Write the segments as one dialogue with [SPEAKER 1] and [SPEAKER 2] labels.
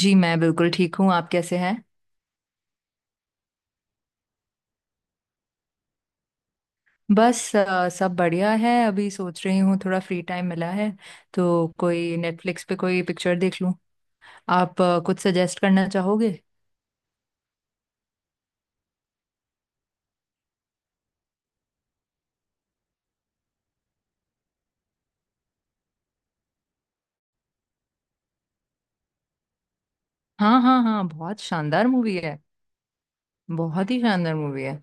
[SPEAKER 1] जी मैं बिल्कुल ठीक हूँ। आप कैसे हैं? बस सब बढ़िया है। अभी सोच रही हूँ थोड़ा फ्री टाइम मिला है, तो कोई नेटफ्लिक्स पे कोई पिक्चर देख लूँ। आप कुछ सजेस्ट करना चाहोगे? हाँ हाँ हाँ, बहुत शानदार मूवी है। बहुत ही शानदार मूवी है।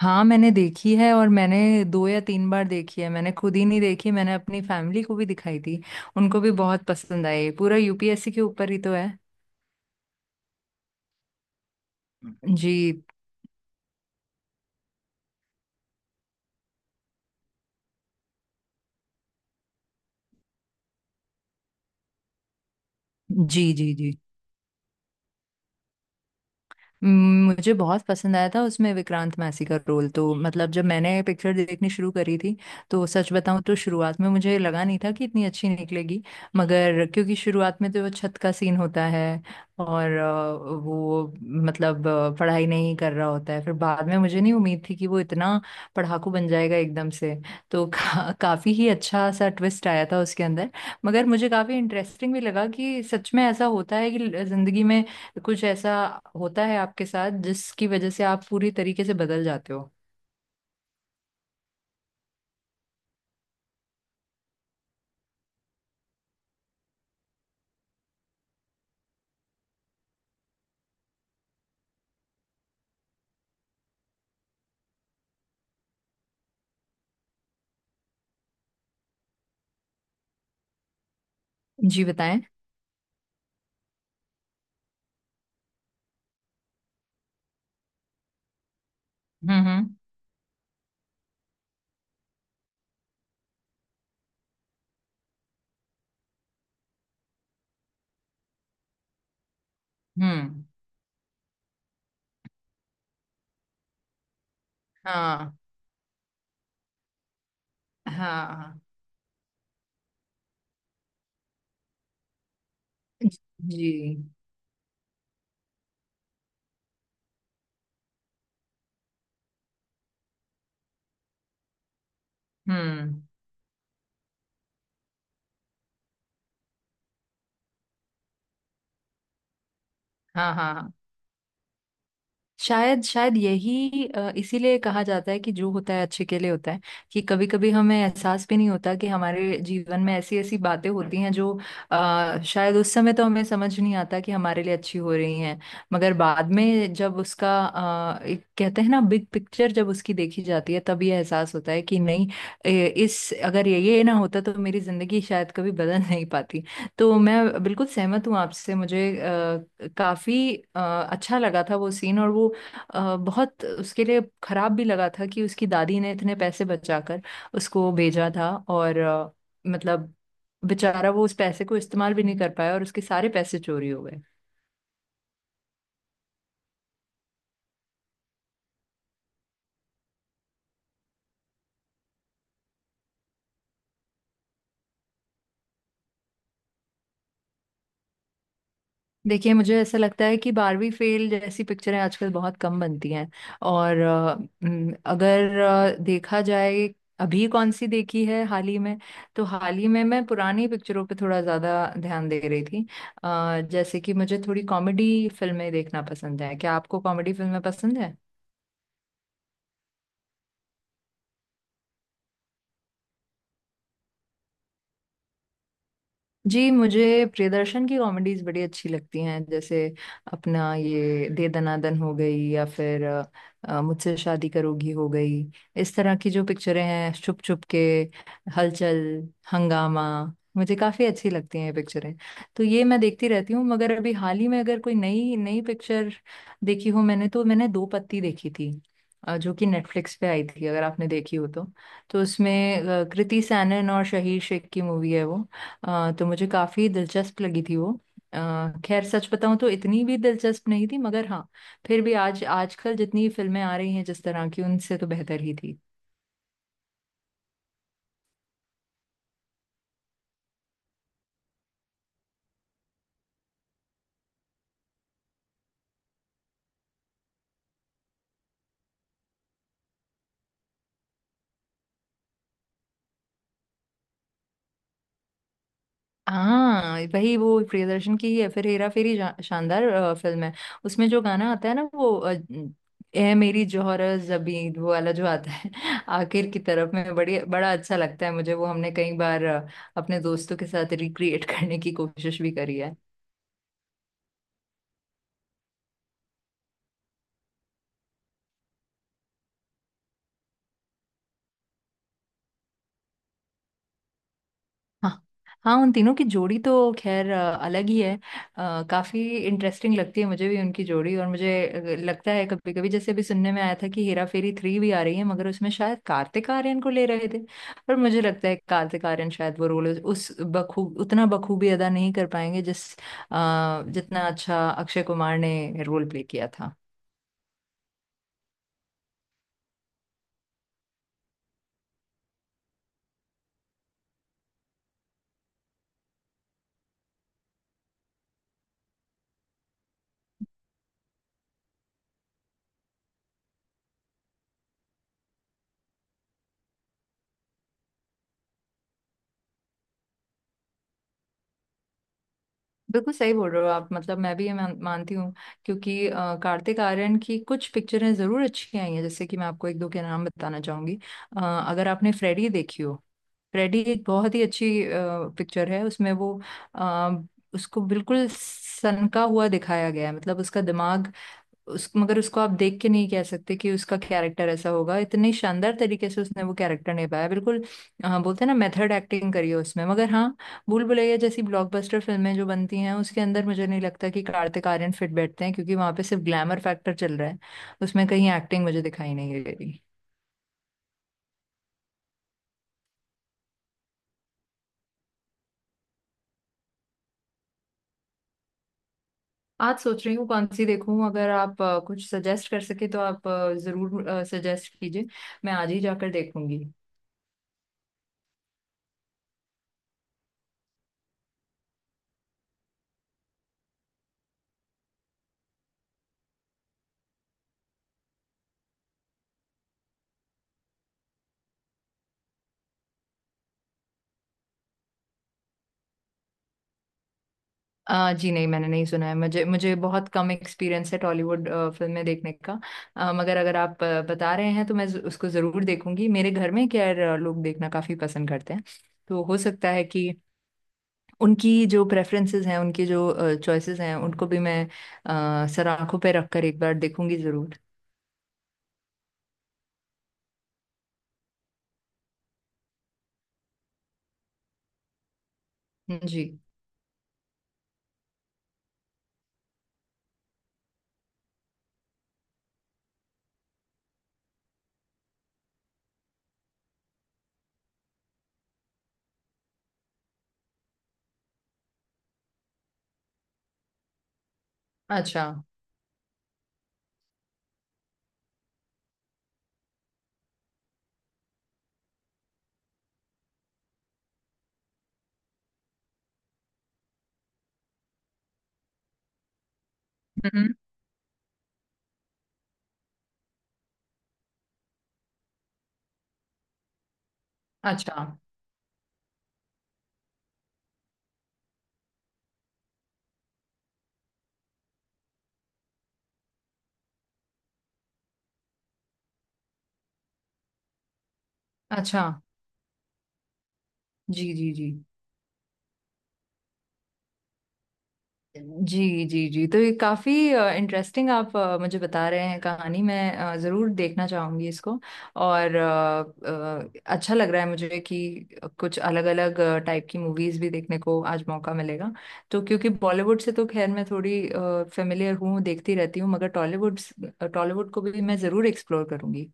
[SPEAKER 1] हाँ, मैंने देखी है, और मैंने दो या तीन बार देखी है। मैंने खुद ही नहीं देखी, मैंने अपनी फैमिली को भी दिखाई थी। उनको भी बहुत पसंद आई। पूरा यूपीएससी के ऊपर ही तो है। जी जी जी जी। मुझे बहुत पसंद आया था उसमें विक्रांत मैसी का रोल। तो मतलब जब मैंने पिक्चर देखनी शुरू करी थी, तो सच बताऊं तो शुरुआत में मुझे लगा नहीं था कि इतनी अच्छी निकलेगी। मगर क्योंकि शुरुआत में तो वो छत का सीन होता है, और वो पढ़ाई नहीं कर रहा होता है। फिर बाद में मुझे नहीं उम्मीद थी कि वो इतना पढ़ाकू बन जाएगा एकदम से। तो काफी ही अच्छा सा ट्विस्ट आया था उसके अंदर। मगर मुझे काफी इंटरेस्टिंग भी लगा कि सच में ऐसा होता है कि जिंदगी में कुछ ऐसा होता है आपके साथ जिसकी वजह से आप पूरी तरीके से बदल जाते हो। जी बताएं। हम्म। हम्म। हाँ हाँ। जी। हम्म। हाँ हाँ। शायद शायद यही इसीलिए कहा जाता है कि जो होता है अच्छे के लिए होता है। कि कभी कभी हमें एहसास भी नहीं होता कि हमारे जीवन में ऐसी ऐसी बातें होती हैं जो शायद उस समय तो हमें समझ नहीं आता कि हमारे लिए अच्छी हो रही हैं। मगर बाद में जब उसका एक कहते हैं ना बिग पिक्चर, जब उसकी देखी जाती है, तब ये एहसास होता है कि नहीं, ए, इस अगर ये ना होता तो मेरी जिंदगी शायद कभी बदल नहीं पाती। तो मैं बिल्कुल सहमत हूँ आपसे। मुझे काफी अच्छा लगा था वो सीन। और वो बहुत उसके लिए खराब भी लगा था कि उसकी दादी ने इतने पैसे बचाकर उसको भेजा था। और मतलब बेचारा वो उस पैसे को इस्तेमाल भी नहीं कर पाया और उसके सारे पैसे चोरी हो गए। देखिए मुझे ऐसा लगता है कि बारहवीं फेल जैसी पिक्चरें आजकल बहुत कम बनती हैं। और अगर देखा जाए, अभी कौन सी देखी है हाल ही में, तो हाल ही में मैं पुरानी पिक्चरों पे थोड़ा ज़्यादा ध्यान दे रही थी। जैसे कि मुझे थोड़ी कॉमेडी फिल्में देखना पसंद है। क्या आपको कॉमेडी फिल्में पसंद है? जी मुझे प्रियदर्शन की कॉमेडीज बड़ी अच्छी लगती हैं, जैसे अपना ये दे दनादन हो गई, या फिर मुझसे शादी करोगी हो गई। इस तरह की जो पिक्चरें हैं, छुप छुप के, हलचल, हंगामा, मुझे काफी अच्छी लगती हैं ये पिक्चरें। तो ये मैं देखती रहती हूँ। मगर अभी हाल ही में अगर कोई नई नई पिक्चर देखी हो मैंने, तो मैंने दो पत्ती देखी थी, जो कि नेटफ्लिक्स पे आई थी, अगर आपने देखी हो तो। तो उसमें कृति सैनन और शहीर शेख की मूवी है वो। तो मुझे काफी दिलचस्प लगी थी वो। अ, खैर सच बताऊं तो इतनी भी दिलचस्प नहीं थी, मगर हाँ, फिर भी आज आजकल जितनी फिल्में आ रही हैं जिस तरह की, उनसे तो बेहतर ही थी। हाँ वही, वो प्रियदर्शन की ही है फिर हेरा फेरी। शानदार फिल्म है। उसमें जो गाना आता है ना, वो ए मेरी जौहर जबीं वो वाला जो आता है आखिर की तरफ में, बड़ी बड़ा अच्छा लगता है मुझे वो। हमने कई बार अपने दोस्तों के साथ रिक्रिएट करने की कोशिश भी करी है। हाँ। हाँ, उन तीनों की जोड़ी तो खैर अलग ही है। काफी इंटरेस्टिंग लगती है मुझे भी उनकी जोड़ी। और मुझे लगता है कभी कभी, जैसे अभी सुनने में आया था कि हेरा फेरी थ्री भी आ रही है, मगर उसमें शायद कार्तिक आर्यन को ले रहे थे। पर मुझे लगता है कार्तिक आर्यन शायद वो रोल उस बखूब उतना बखूबी अदा नहीं कर पाएंगे जिस जितना अच्छा अक्षय कुमार ने रोल प्ले किया था। बिल्कुल सही बोल रहे हो आप। मतलब मैं भी ये मानती हूँ। क्योंकि कार्तिक आर्यन की कुछ पिक्चरें जरूर अच्छी आई हैं, जैसे कि मैं आपको एक दो के नाम बताना चाहूंगी। अगर आपने फ्रेडी देखी हो, फ्रेडी एक बहुत ही अच्छी पिक्चर है। उसमें वो अ, उसको बिल्कुल सनका हुआ दिखाया गया है। मतलब उसका दिमाग, उस मगर उसको आप देख के नहीं कह सकते कि उसका कैरेक्टर ऐसा होगा। इतने शानदार तरीके से उसने वो कैरेक्टर निभाया। बिल्कुल, हाँ, बोलते हैं ना मेथड एक्टिंग करी है उसमें। मगर हाँ, भूल भुलैया जैसी ब्लॉकबस्टर फिल्में जो बनती हैं उसके अंदर मुझे नहीं लगता कि कार्तिक आर्यन फिट बैठते हैं, क्योंकि वहां पे सिर्फ ग्लैमर फैक्टर चल रहा है। उसमें कहीं एक्टिंग मुझे दिखाई नहीं दे रही। आज सोच रही हूँ कौन सी देखूं, अगर आप कुछ सजेस्ट कर सके तो आप जरूर सजेस्ट कीजिए। मैं आज ही जाकर देखूंगी। जी नहीं, मैंने नहीं सुना है। मुझे मुझे बहुत कम एक्सपीरियंस है टॉलीवुड फिल्में देखने का। मगर अगर आप बता रहे हैं तो मैं उसको ज़रूर देखूंगी। मेरे घर में क्या है, लोग देखना काफ़ी पसंद करते हैं। तो हो सकता है कि उनकी जो प्रेफरेंसेस हैं, उनकी जो चॉइसेस हैं, उनको भी मैं सर आंखों पे रख कर एक बार देखूंगी ज़रूर। जी। अच्छा। हम्म। अच्छा। अच्छा। जी जी जी। जी जी जी। तो ये काफी इंटरेस्टिंग आप मुझे बता रहे हैं कहानी। मैं जरूर देखना चाहूंगी इसको। और अच्छा लग रहा है मुझे कि कुछ अलग अलग टाइप की मूवीज भी देखने को आज मौका मिलेगा। तो क्योंकि बॉलीवुड से तो खैर मैं थोड़ी फेमिलियर हूँ, देखती रहती हूँ, मगर टॉलीवुड टॉलीवुड को भी मैं जरूर एक्सप्लोर करूंगी।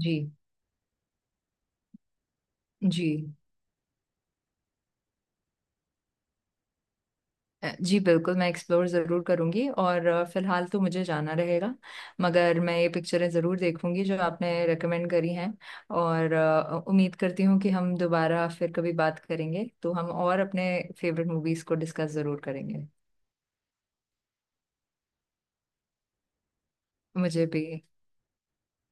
[SPEAKER 1] जी। जी जी बिल्कुल, मैं एक्सप्लोर ज़रूर करूंगी। और फिलहाल तो मुझे जाना रहेगा, मगर मैं ये पिक्चरें ज़रूर देखूंगी जो आपने रेकमेंड करी हैं। और उम्मीद करती हूँ कि हम दोबारा फिर कभी बात करेंगे तो हम और अपने फेवरेट मूवीज़ को डिस्कस ज़रूर करेंगे। मुझे भी।